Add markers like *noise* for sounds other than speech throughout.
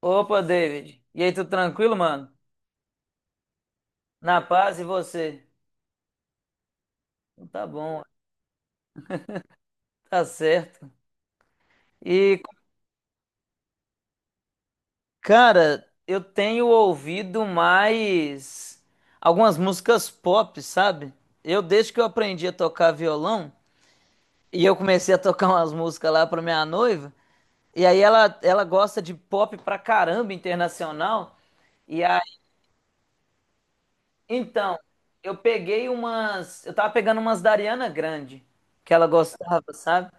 Opa, David. E aí, tudo tranquilo, mano? Na paz e você? Então tá bom, tá certo. E, cara, eu tenho ouvido mais algumas músicas pop, sabe? Eu, desde que eu aprendi a tocar violão, e eu comecei a tocar *laughs* umas músicas lá pra minha noiva, e aí ela gosta de pop pra caramba internacional. E então, eu peguei umas. Eu tava pegando umas da Ariana Grande, que ela gostava, sabe?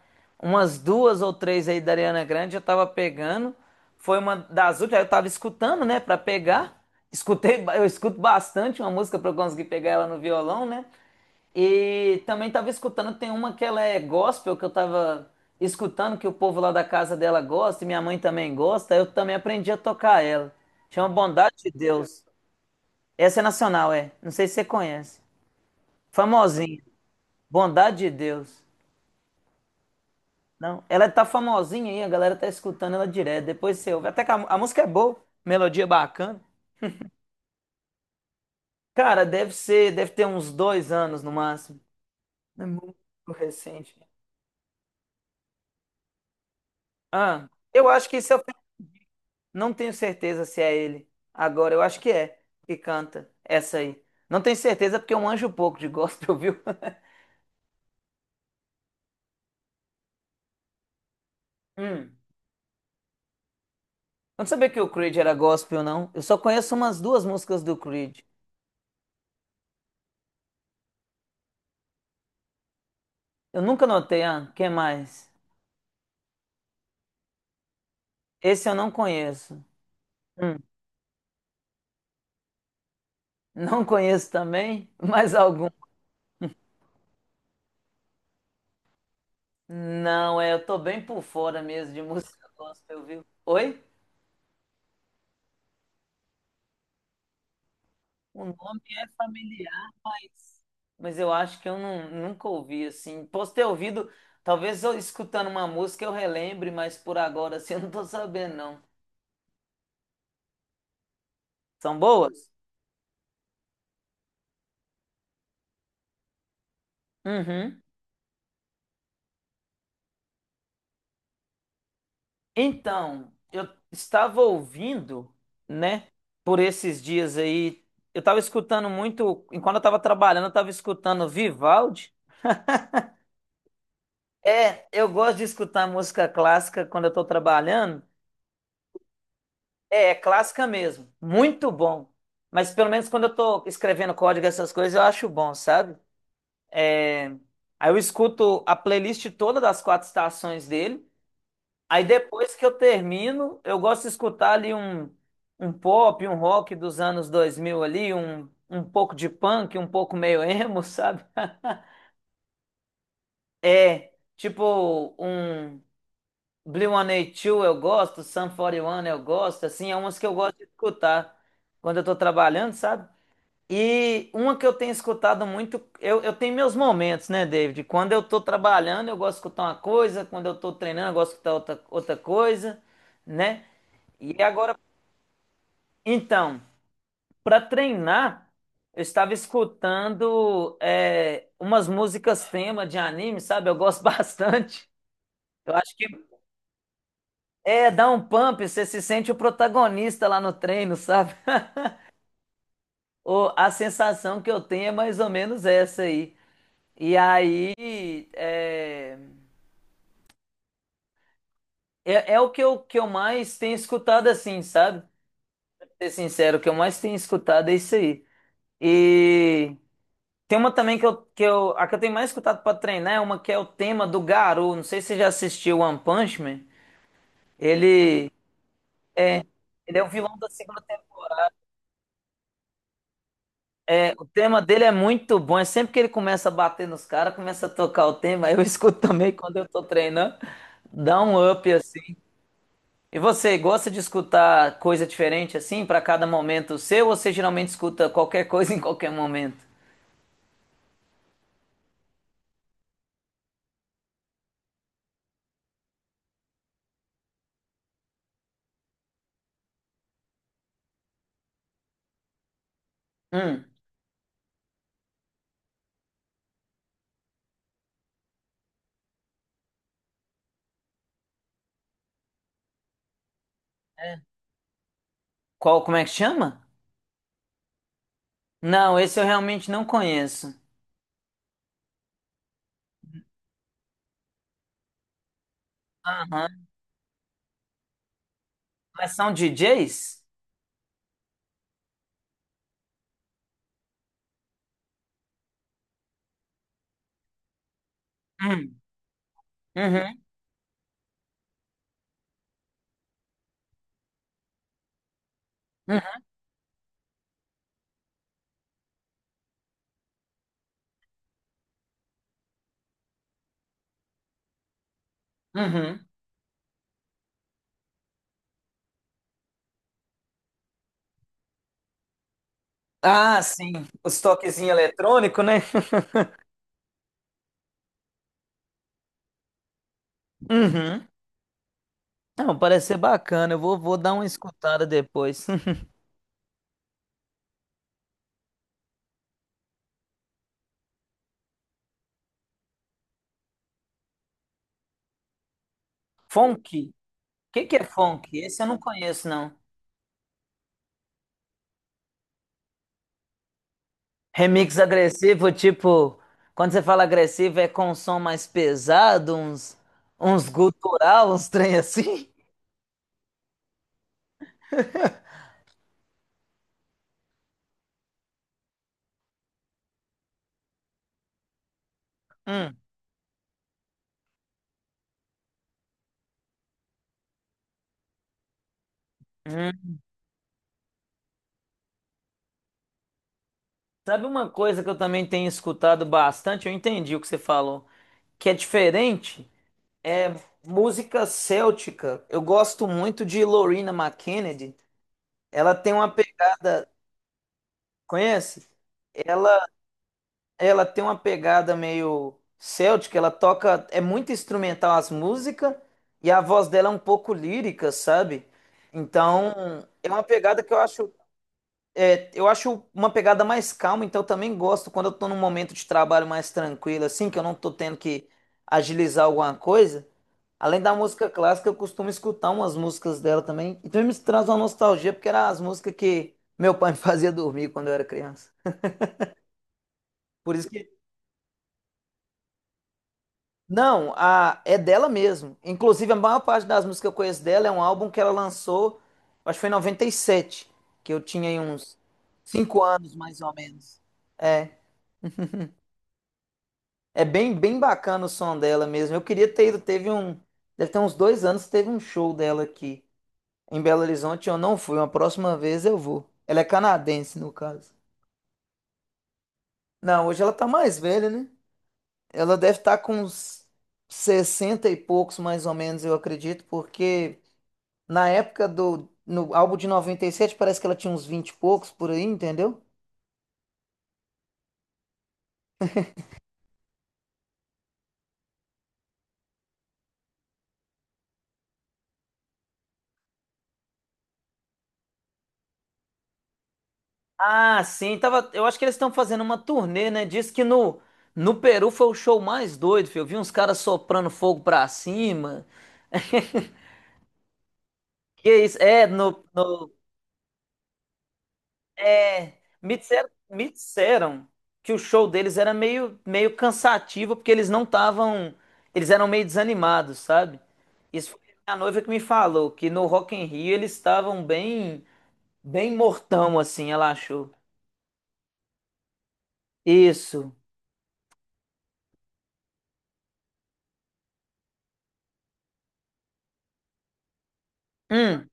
Umas duas ou três aí da Ariana Grande eu tava pegando. Foi uma das últimas, aí eu tava escutando, né, pra pegar. Escutei, eu escuto bastante uma música pra eu conseguir pegar ela no violão, né? E também tava escutando, tem uma que ela é gospel, que eu tava escutando que o povo lá da casa dela gosta e minha mãe também gosta, eu também aprendi a tocar ela. Chama Bondade de Deus. Essa é nacional, é. Não sei se você conhece. Famosinha. Bondade de Deus. Não, ela tá famosinha aí, a galera tá escutando ela direto. Depois você ouve. Até que a música é boa, melodia bacana. Cara, deve ser, deve ter uns 2 anos no máximo. É muito recente. Ah, eu acho que isso é. Não tenho certeza se é ele. Agora, eu acho que é que canta essa aí. Não tenho certeza porque eu manjo pouco de gospel, viu? *laughs* Hum. Eu não sabia que o Creed era gospel, não. Eu só conheço umas duas músicas do Creed. Eu nunca notei, ah, quem mais? Esse eu não conheço. Hum. Não conheço também, mais algum. Não, é, eu tô bem por fora mesmo de música gospel, viu? Oi? O nome é familiar, mas eu acho que eu não, nunca ouvi assim. Posso ter ouvido, talvez eu escutando uma música eu relembre, mas por agora assim eu não tô sabendo, não. São boas? Uhum. Então, eu estava ouvindo, né, por esses dias aí, eu estava escutando muito, enquanto eu estava trabalhando, eu estava escutando Vivaldi. É, eu gosto de escutar música clássica quando eu estou trabalhando. É clássica mesmo, muito bom. Mas pelo menos quando eu estou escrevendo código, essas coisas, eu acho bom, sabe? É, aí eu escuto a playlist toda das quatro estações dele. Aí depois que eu termino, eu gosto de escutar ali um, um, pop, um rock dos anos 2000 ali, um pouco de punk, um pouco meio emo, *laughs* sabe? É, tipo um blink-182 eu gosto, Sum 41 eu gosto, assim, é umas que eu gosto de escutar quando eu tô trabalhando, sabe? E uma que eu tenho escutado muito, eu tenho meus momentos, né, David? Quando eu tô trabalhando, eu gosto de escutar uma coisa, quando eu tô treinando, eu gosto de escutar outra coisa, né? E agora Então, para treinar, eu estava escutando umas músicas tema de anime, sabe? Eu gosto *laughs* bastante. Eu acho que dá um pump, você se sente o protagonista lá no treino, sabe? *laughs* A sensação que eu tenho é mais ou menos essa aí. E aí é o que eu mais tenho escutado assim, sabe? Pra ser sincero, o que eu mais tenho escutado é isso aí. E tem uma também a que eu tenho mais escutado pra treinar é uma que é o tema do Garou. Não sei se você já assistiu One Punch Man. Ele, ele é o vilão da segunda temporada. O tema dele é muito bom. É sempre que ele começa a bater nos caras, começa a tocar o tema. Eu *laughs* escuto também quando eu tô treinando. Dá um up assim. E você gosta de escutar coisa diferente assim pra cada momento seu? Ou você geralmente escuta qualquer coisa *laughs* em qualquer momento? Hum, é. Como é que chama? Não, esse eu realmente não conheço. Aham. Mas são DJs? Hum. Uhum. Uhum. Uhum. Ah, sim. Os toquezinhos eletrônicos, né? *laughs* Uhum. Não, parece ser bacana. Eu vou dar uma escutada depois. *laughs* Funk? O que que é funk? Esse eu não conheço, não. Remix agressivo, tipo, quando você fala agressivo é com um som mais pesado, uns gutural, uns trem assim. *laughs* Hum, hum. Sabe uma coisa que eu também tenho escutado bastante? Eu entendi o que você falou, que é diferente. É música céltica. Eu gosto muito de Lorena McKennedy. Ela tem uma pegada, conhece? Ela, ela tem uma pegada meio céltica. Ela toca, é muito instrumental as músicas e a voz dela é um pouco lírica, sabe? Então, é uma pegada que eu acho é, eu acho uma pegada mais calma, então eu também gosto quando eu tô num momento de trabalho mais tranquilo, assim, que eu não tô tendo que agilizar alguma coisa. Além da música clássica, eu costumo escutar umas músicas dela também. E também me traz uma nostalgia, porque eram as músicas que meu pai *laughs* me fazia dormir quando eu era criança. Por isso que. Não, é dela mesmo. Inclusive, a maior parte das músicas que eu conheço dela é um álbum que ela lançou, acho que foi em 97, que eu tinha aí uns 5 anos, mais ou menos. É. É bem, bem bacana o som dela mesmo. Eu queria ter ido, deve ter uns dois anos, teve um show dela aqui em Belo Horizonte. Eu não fui, uma próxima vez eu vou. Ela é canadense, no caso. Não, hoje ela tá mais velha, né? Ela deve estar com uns 60 e poucos, mais ou menos, eu acredito, porque na época no álbum de 97 parece que ela tinha uns 20 e poucos por aí, entendeu? Ah, sim, tava, eu acho que eles estão fazendo uma turnê, né? Diz que no Peru foi o show mais doido, filho. Eu vi uns caras soprando fogo pra cima. *laughs* Que isso? É, no, no, é, me disseram que o show deles era meio cansativo, porque eles não estavam, eles eram meio desanimados, sabe? Isso foi a noiva que me falou, que no Rock in Rio eles estavam bem, bem mortão, assim, ela achou. Isso. Hum,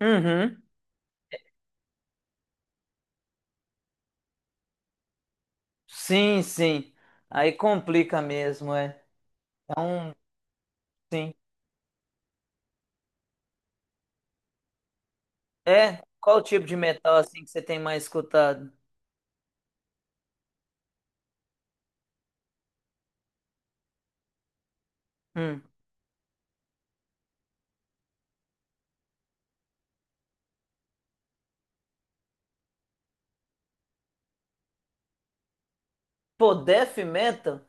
uhum. Sim, sim. Aí complica mesmo, é. É um, sim. É, qual tipo de metal assim que você tem mais escutado? Hum. Pô, death metal?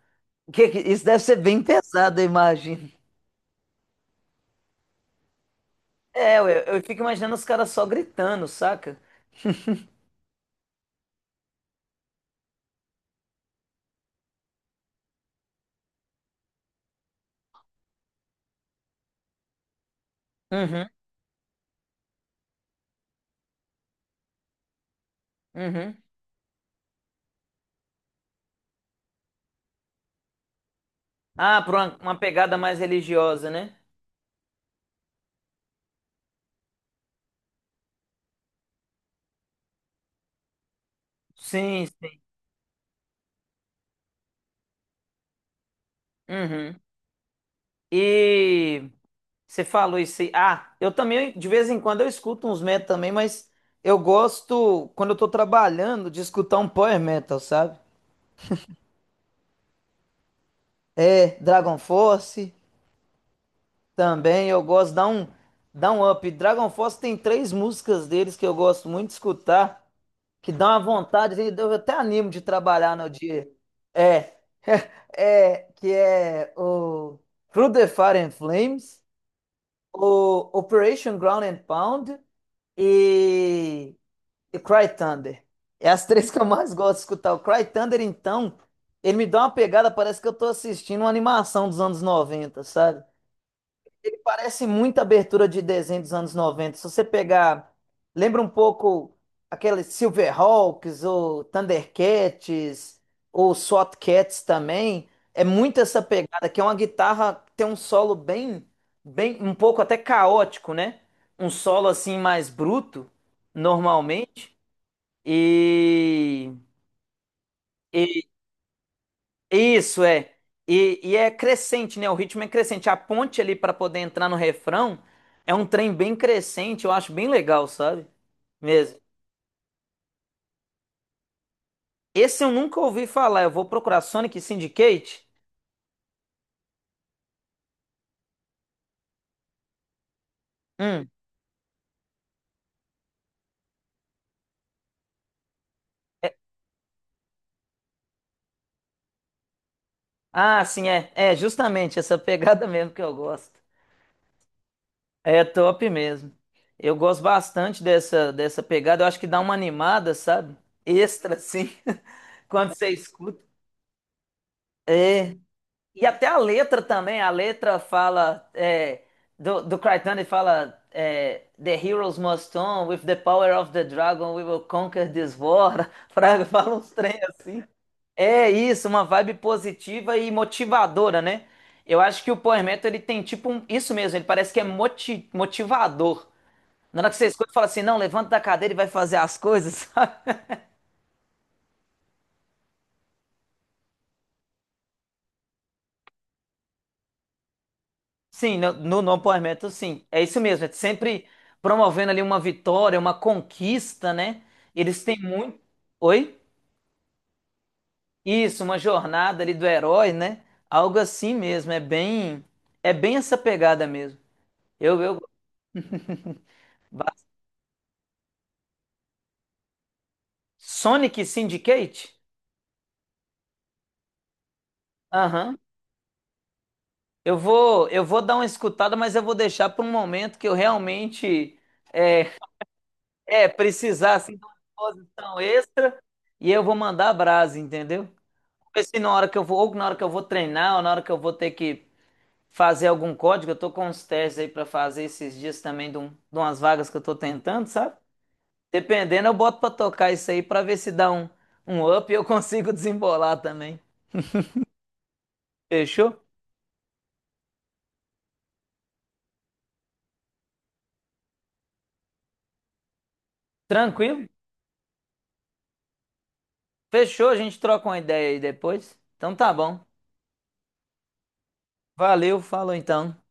Isso deve ser bem pesado, eu imagino. É, eu fico imaginando os caras só gritando, saca? Uhum, uhum. Ah, pra uma, pegada mais religiosa, né? Sim, sim. Uhum. E você falou isso aí. Ah, eu também, de vez em quando, eu escuto uns metal também, mas eu gosto, quando eu tô trabalhando, de escutar um power metal, sabe? É, Dragon Force também, eu gosto, dá um up. Dragon Force tem três músicas deles que eu gosto muito de escutar, que dá uma vontade, assim, eu até animo de trabalhar no dia. É, que é o Through the Fire and Flames, o Operation Ground and Pound e e Cry Thunder. É as três que eu mais gosto de escutar. O Cry Thunder, então, ele me dá uma pegada, parece que eu tô assistindo uma animação dos anos 90, sabe? Ele parece muita abertura de desenho dos anos 90. Se você pegar, lembra um pouco aqueles Silverhawks ou Thundercats ou SWATcats também. É muito essa pegada, que é uma guitarra que tem um solo bem, bem, um pouco até caótico, né? Um solo assim mais bruto, normalmente. E, e- isso é. E é crescente, né? O ritmo é crescente. A ponte ali para poder entrar no refrão é um trem bem crescente, eu acho bem legal, sabe? Mesmo. Esse eu nunca ouvi falar. Eu vou procurar Sonic Syndicate. Hum. É- Ah, sim, é. É justamente essa *laughs* pegada mesmo que eu gosto. É top mesmo. Eu gosto bastante dessa pegada. Eu acho que dá uma animada, sabe? Extra, assim, *laughs* quando você escuta. E até a letra também, a letra fala do Crichton, ele fala The heroes must on, with the power of the dragon we will conquer this war. *laughs* Fraga, fala uns trem assim. É isso, uma vibe positiva e motivadora, né? Eu acho que o Power Metal, ele tem tipo um, isso mesmo, ele parece que é motivador. Na hora que você escuta, fala assim, não, levanta da cadeira e vai fazer as coisas, *laughs* sabe? Sim, no No Power, sim. É isso mesmo. É sempre promovendo ali uma vitória, uma conquista, né? Eles têm muito. Oi? Isso, uma jornada ali do herói, né? Algo assim mesmo. É bem essa pegada mesmo. Eu. ba- Sonic Syndicate? Aham. Eu vou dar uma escutada, mas eu vou deixar para um momento que eu realmente é, é precisar assim, de uma disposição extra e eu vou mandar a brasa, entendeu? Porque se na hora que eu vou, ou na hora que eu vou treinar, ou na hora que eu vou ter que fazer algum código, eu tô com uns testes aí pra fazer esses dias também de umas vagas que eu tô tentando, sabe? Dependendo, eu boto pra tocar isso aí pra ver se dá um, up e eu *laughs* consigo desembolar também. Fechou? Tranquilo? Fechou, a gente troca uma ideia aí depois. Então tá bom. Valeu, falou então.